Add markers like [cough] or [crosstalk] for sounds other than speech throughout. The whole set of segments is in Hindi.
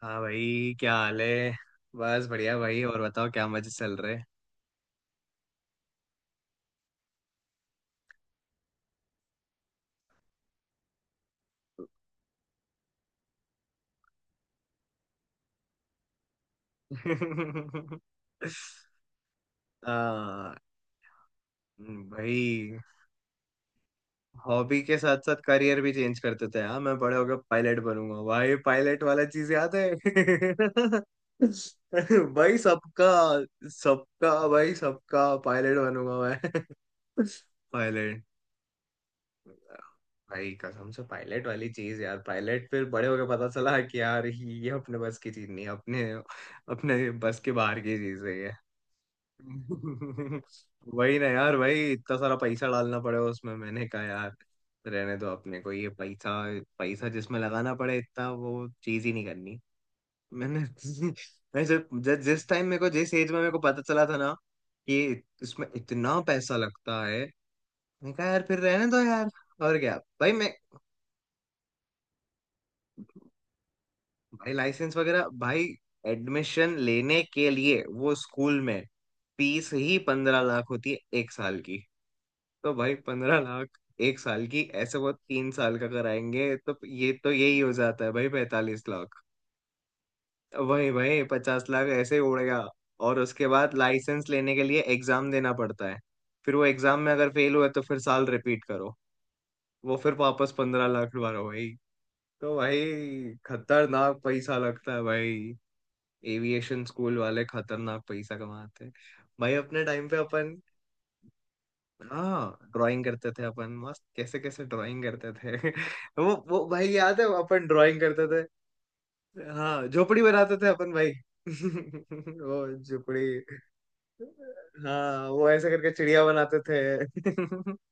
हाँ भाई, क्या हाल है। बस बढ़िया भाई, और बताओ क्या मजे चल रहे। [laughs] हाँ भाई, हॉबी के साथ साथ करियर भी चेंज करते थे। हाँ, मैं बड़े होकर पायलट बनूंगा भाई, पायलट वाला चीज याद है [laughs] भाई सबका। सबका भाई सबका, पायलट बनूंगा मैं। [laughs] पायलट। भाई कसम से पायलट वाली चीज यार, पायलट फिर बड़े होके पता चला कि यार ये अपने बस की चीज नहीं है, अपने अपने बस के बाहर की चीज है ये। [laughs] वही ना यार भाई, इतना सारा पैसा डालना पड़ेगा उसमें। मैंने कहा यार रहने दो अपने को, ये पैसा। पैसा जिसमें लगाना पड़े इतना, वो चीज ही नहीं करनी। मैंने [laughs] मैं जब जब- जिस टाइम मेरे को, जिस एज में मेरे को पता चला था ना कि इसमें इतना पैसा लगता है, मैं कहा यार फिर रहने दो यार। और क्या भाई, मैं भाई, लाइसेंस वगैरह भाई, एडमिशन लेने के लिए वो स्कूल में फीस ही 15 लाख होती है एक साल की। तो भाई 15 लाख एक साल की, ऐसे वो 3 साल का कराएंगे तो ये तो यही हो जाता है भाई, 45 लाख। वही भाई, 50 लाख ऐसे ही उड़ गया। और उसके बाद लाइसेंस लेने के लिए एग्जाम देना पड़ता है। फिर वो एग्जाम में अगर फेल हुआ तो फिर साल रिपीट करो, वो फिर वापस 15 लाख दोबारा भाई। तो भाई, खतरनाक पैसा लगता है भाई। एविएशन स्कूल वाले खतरनाक पैसा कमाते हैं। भाई अपने टाइम पे अपन, हाँ ड्राइंग करते थे अपन, मस्त कैसे कैसे ड्राइंग करते थे। [laughs] वो भाई याद है अपन ड्राइंग करते थे। हाँ झोपड़ी बनाते थे अपन भाई, [laughs] वो झोपड़ी। हाँ वो ऐसे करके चिड़िया बनाते थे। [laughs]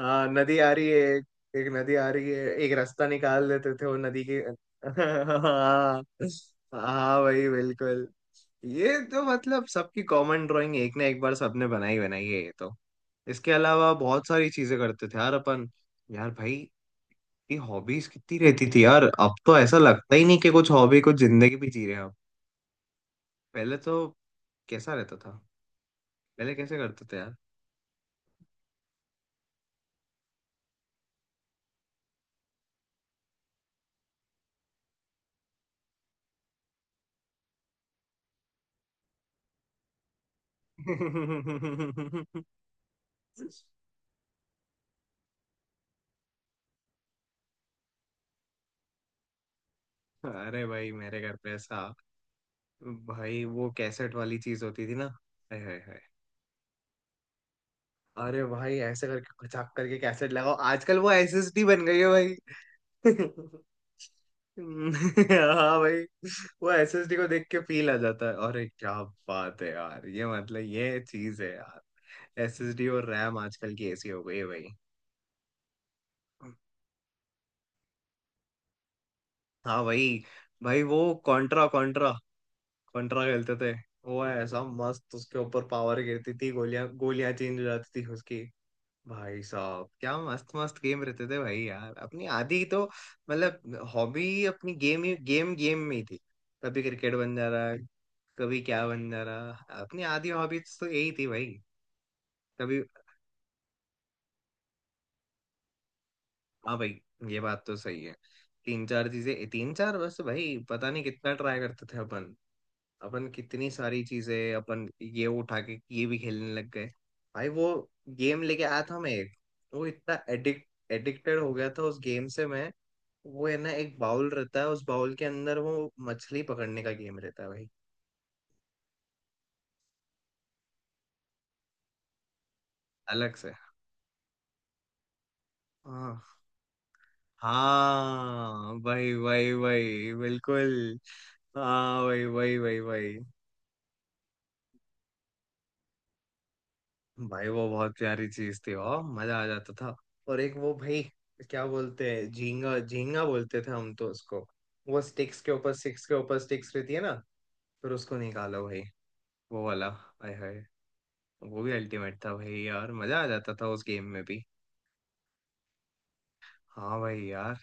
हाँ नदी आ रही है एक नदी आ रही है, एक रास्ता निकाल देते थे वो नदी के। [laughs] हाँ। हाँ भाई बिल्कुल। ये तो मतलब सबकी कॉमन ड्राइंग, एक ना एक बार सबने बनाई बनाई है ये तो। इसके अलावा बहुत सारी चीजें करते थे यार अपन। यार भाई ये हॉबीज कितनी रहती थी यार, अब तो ऐसा लगता ही नहीं कि कुछ हॉबी कुछ जिंदगी भी जी रहे हैं अब। पहले तो कैसा रहता था, पहले कैसे करते थे यार। [laughs] अरे भाई मेरे घर पे ऐसा, भाई वो कैसेट वाली चीज होती थी ना। अरे हाय हाय हाय। अरे भाई ऐसे करके खचाक करके कैसेट लगाओ, आजकल वो एसएसडी बन गई है भाई। [laughs] हाँ भाई, वो एसएसडी को देख के फील आ जाता है। अरे क्या बात है यार, ये मतलब ये चीज है यार। एसएसडी और रैम आजकल की ऐसी हो गई है भाई। हाँ भाई। भाई वो कॉन्ट्रा, कॉन्ट्रा खेलते थे। वो ऐसा मस्त, उसके ऊपर पावर गिरती थी, गोलियां गोलियां चेंज हो जाती थी उसकी। भाई साहब क्या मस्त मस्त गेम रहते थे भाई। यार अपनी आधी तो मतलब हॉबी अपनी गेम ही, गेम गेम में ही थी। कभी क्रिकेट बन जा रहा है, कभी क्या बन जाना। अपनी आधी हॉबीज तो यही थी भाई। कभी। हाँ भाई ये बात तो सही है। तीन चार चीजें, तीन चार, बस भाई पता नहीं कितना ट्राई करते थे अपन। अपन कितनी सारी चीजें, अपन ये उठा के ये भी खेलने लग गए। भाई वो गेम लेके आया था मैं एक, वो इतना एडिक्टेड हो गया था उस गेम से मैं। वो है ना, एक बाउल रहता है, उस बाउल के अंदर वो मछली पकड़ने का गेम रहता है भाई। अलग से। हाँ हाँ, वही वही वही बिल्कुल। हाँ वही वही वही वही। भाई वो बहुत प्यारी चीज थी, वाह मजा आ जाता था। और एक वो भाई क्या बोलते हैं, झींगा झींगा बोलते थे हम तो उसको। वो स्टिक्स के ऊपर स्टिक्स के ऊपर स्टिक्स रहती है ना, फिर उसको निकालो भाई, वो वाला। हाय हाय, वो भी अल्टीमेट था भाई यार, मजा आ जाता था उस गेम में भी। हाँ भाई यार।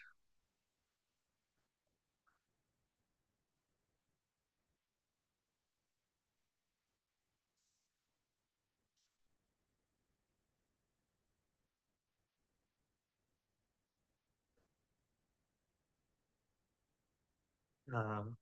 हाँ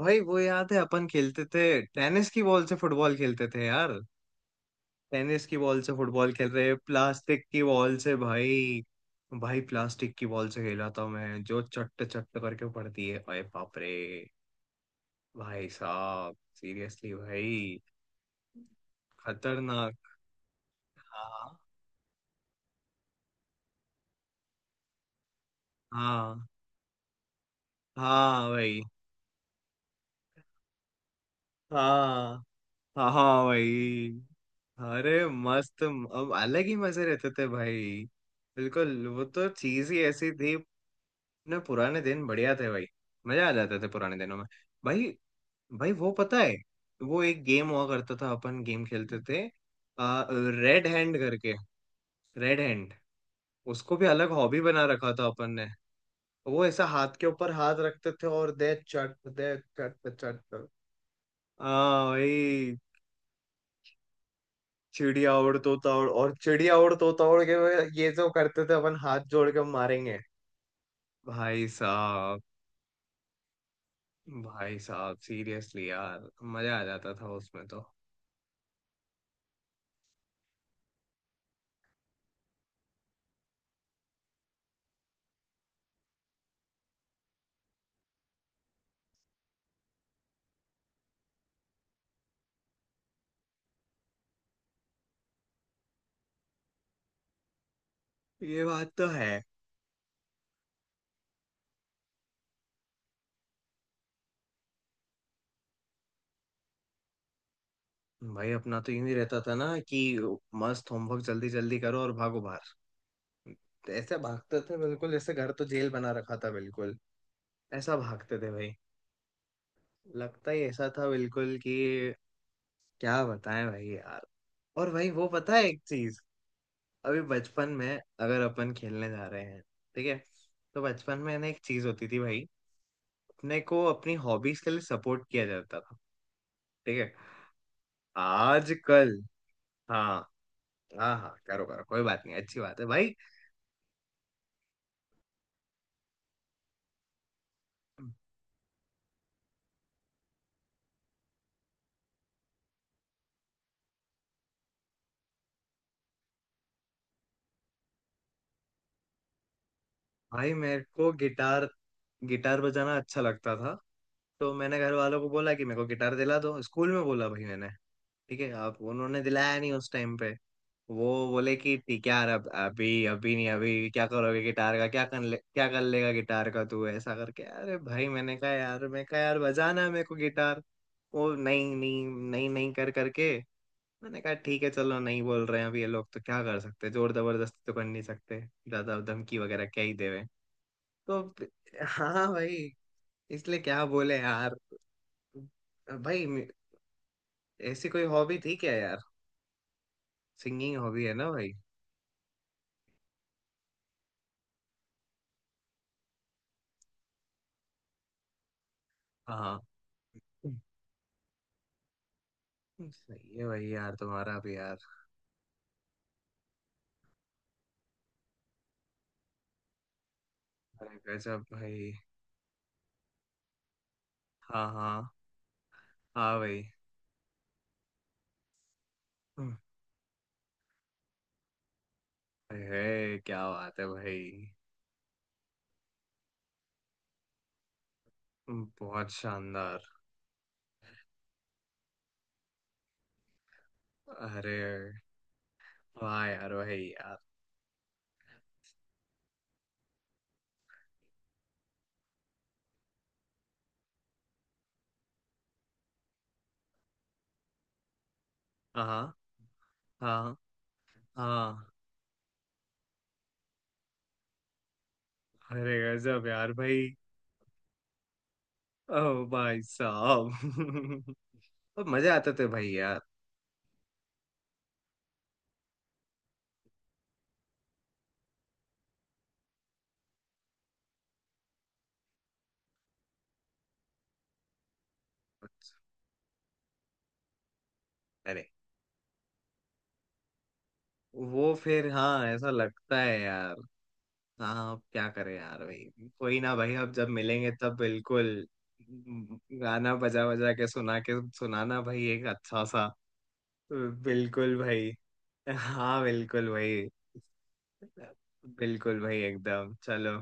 भाई वो याद है, अपन खेलते थे टेनिस की बॉल से, फुटबॉल खेलते थे यार टेनिस की बॉल से। फुटबॉल खेल रहे प्लास्टिक की बॉल से भाई। भाई प्लास्टिक की बॉल से खेला था मैं, जो चट्ट चट्ट करके पड़ती है, अरे बाप रे। भाई साहब सीरियसली भाई, खतरनाक। हाँ। हाँ हाँ भाई। हाँ। हाँ हाँ भाई। अरे मस्त, अब अलग ही मजे रहते थे भाई। बिल्कुल, वो तो चीज ही ऐसी थी। अपने पुराने दिन बढ़िया थे भाई, मजा आ जाते थे पुराने दिनों में। भाई, भाई वो पता है, वो एक गेम हुआ करता था, अपन गेम खेलते थे रेड हैंड करके। रेड हैंड, उसको भी अलग हॉबी बना रखा था अपन ने। वो ऐसा हाथ के ऊपर हाथ रखते थे और दे चट चट। हाँ भाई। चिड़िया उड़ तोता उड़, और चिड़िया उड़ तोता उड़ के ये जो करते थे अपन, हाथ जोड़ के मारेंगे। भाई साहब, भाई साहब सीरियसली यार, मजा आ जाता था उसमें तो। ये बात तो है भाई। अपना तो यूं ही रहता था ना कि मस्त होमवर्क जल्दी जल्दी करो और भागो बाहर। ऐसा भागते थे बिल्कुल, जैसे घर तो जेल बना रखा था बिल्कुल। ऐसा भागते थे भाई, लगता ही ऐसा था बिल्कुल कि, क्या बताएं भाई यार। और भाई वो पता है एक चीज, अभी बचपन में अगर अपन खेलने जा रहे हैं, ठीक है, तो बचपन में ना एक चीज होती थी भाई, अपने को अपनी हॉबीज के लिए सपोर्ट किया जाता था, ठीक है। आजकल। हाँ, हाँ हाँ करो करो, कोई बात नहीं, अच्छी बात है भाई। भाई मेरे को गिटार, गिटार बजाना अच्छा लगता था, तो मैंने घर वालों को बोला कि मेरे को गिटार दिला दो, स्कूल में बोला भाई मैंने। ठीक है आप, उन्होंने दिलाया नहीं उस टाइम पे, वो बोले कि ठीक है यार, अब अभी अभी नहीं, अभी क्या करोगे गिटार का, क्या कर ले, क्या कर लेगा गिटार का तू, ऐसा करके। अरे भाई मैंने कहा यार, मैं कहा यार बजाना है मेरे को गिटार। वो नहीं नहीं नहीं नहीं कर करके, मैंने कहा ठीक है चलो, नहीं बोल रहे हैं अभी ये लोग, तो क्या कर सकते हैं? जोर जबरदस्ती तो कर नहीं सकते, ज्यादा धमकी वगैरह क्या ही देवे। तो हाँ भाई, इसलिए क्या बोले यार। भाई ऐसी कोई हॉबी थी क्या यार, सिंगिंग हॉबी है ना भाई। हाँ, सही है भाई यार, तुम्हारा भी यार। अरे गजब भाई। हाँ। हाँ हाँ भाई। अरे क्या बात है भाई। बहुत शानदार। अरे वाह यार भाई यार। हाँ हाँ हाँ हाँ। अरे गजब यार भाई, ओ भाई साहब। [laughs] मजा आते थे भाई यार। अरे वो। फिर हाँ ऐसा लगता है यार। हाँ अब क्या करें यार भाई, कोई ना भाई, अब जब मिलेंगे तब बिल्कुल, गाना बजा बजा के सुना के सुनाना भाई, एक अच्छा सा। बिल्कुल भाई। हाँ बिल्कुल भाई। बिल्कुल भाई एकदम, चलो।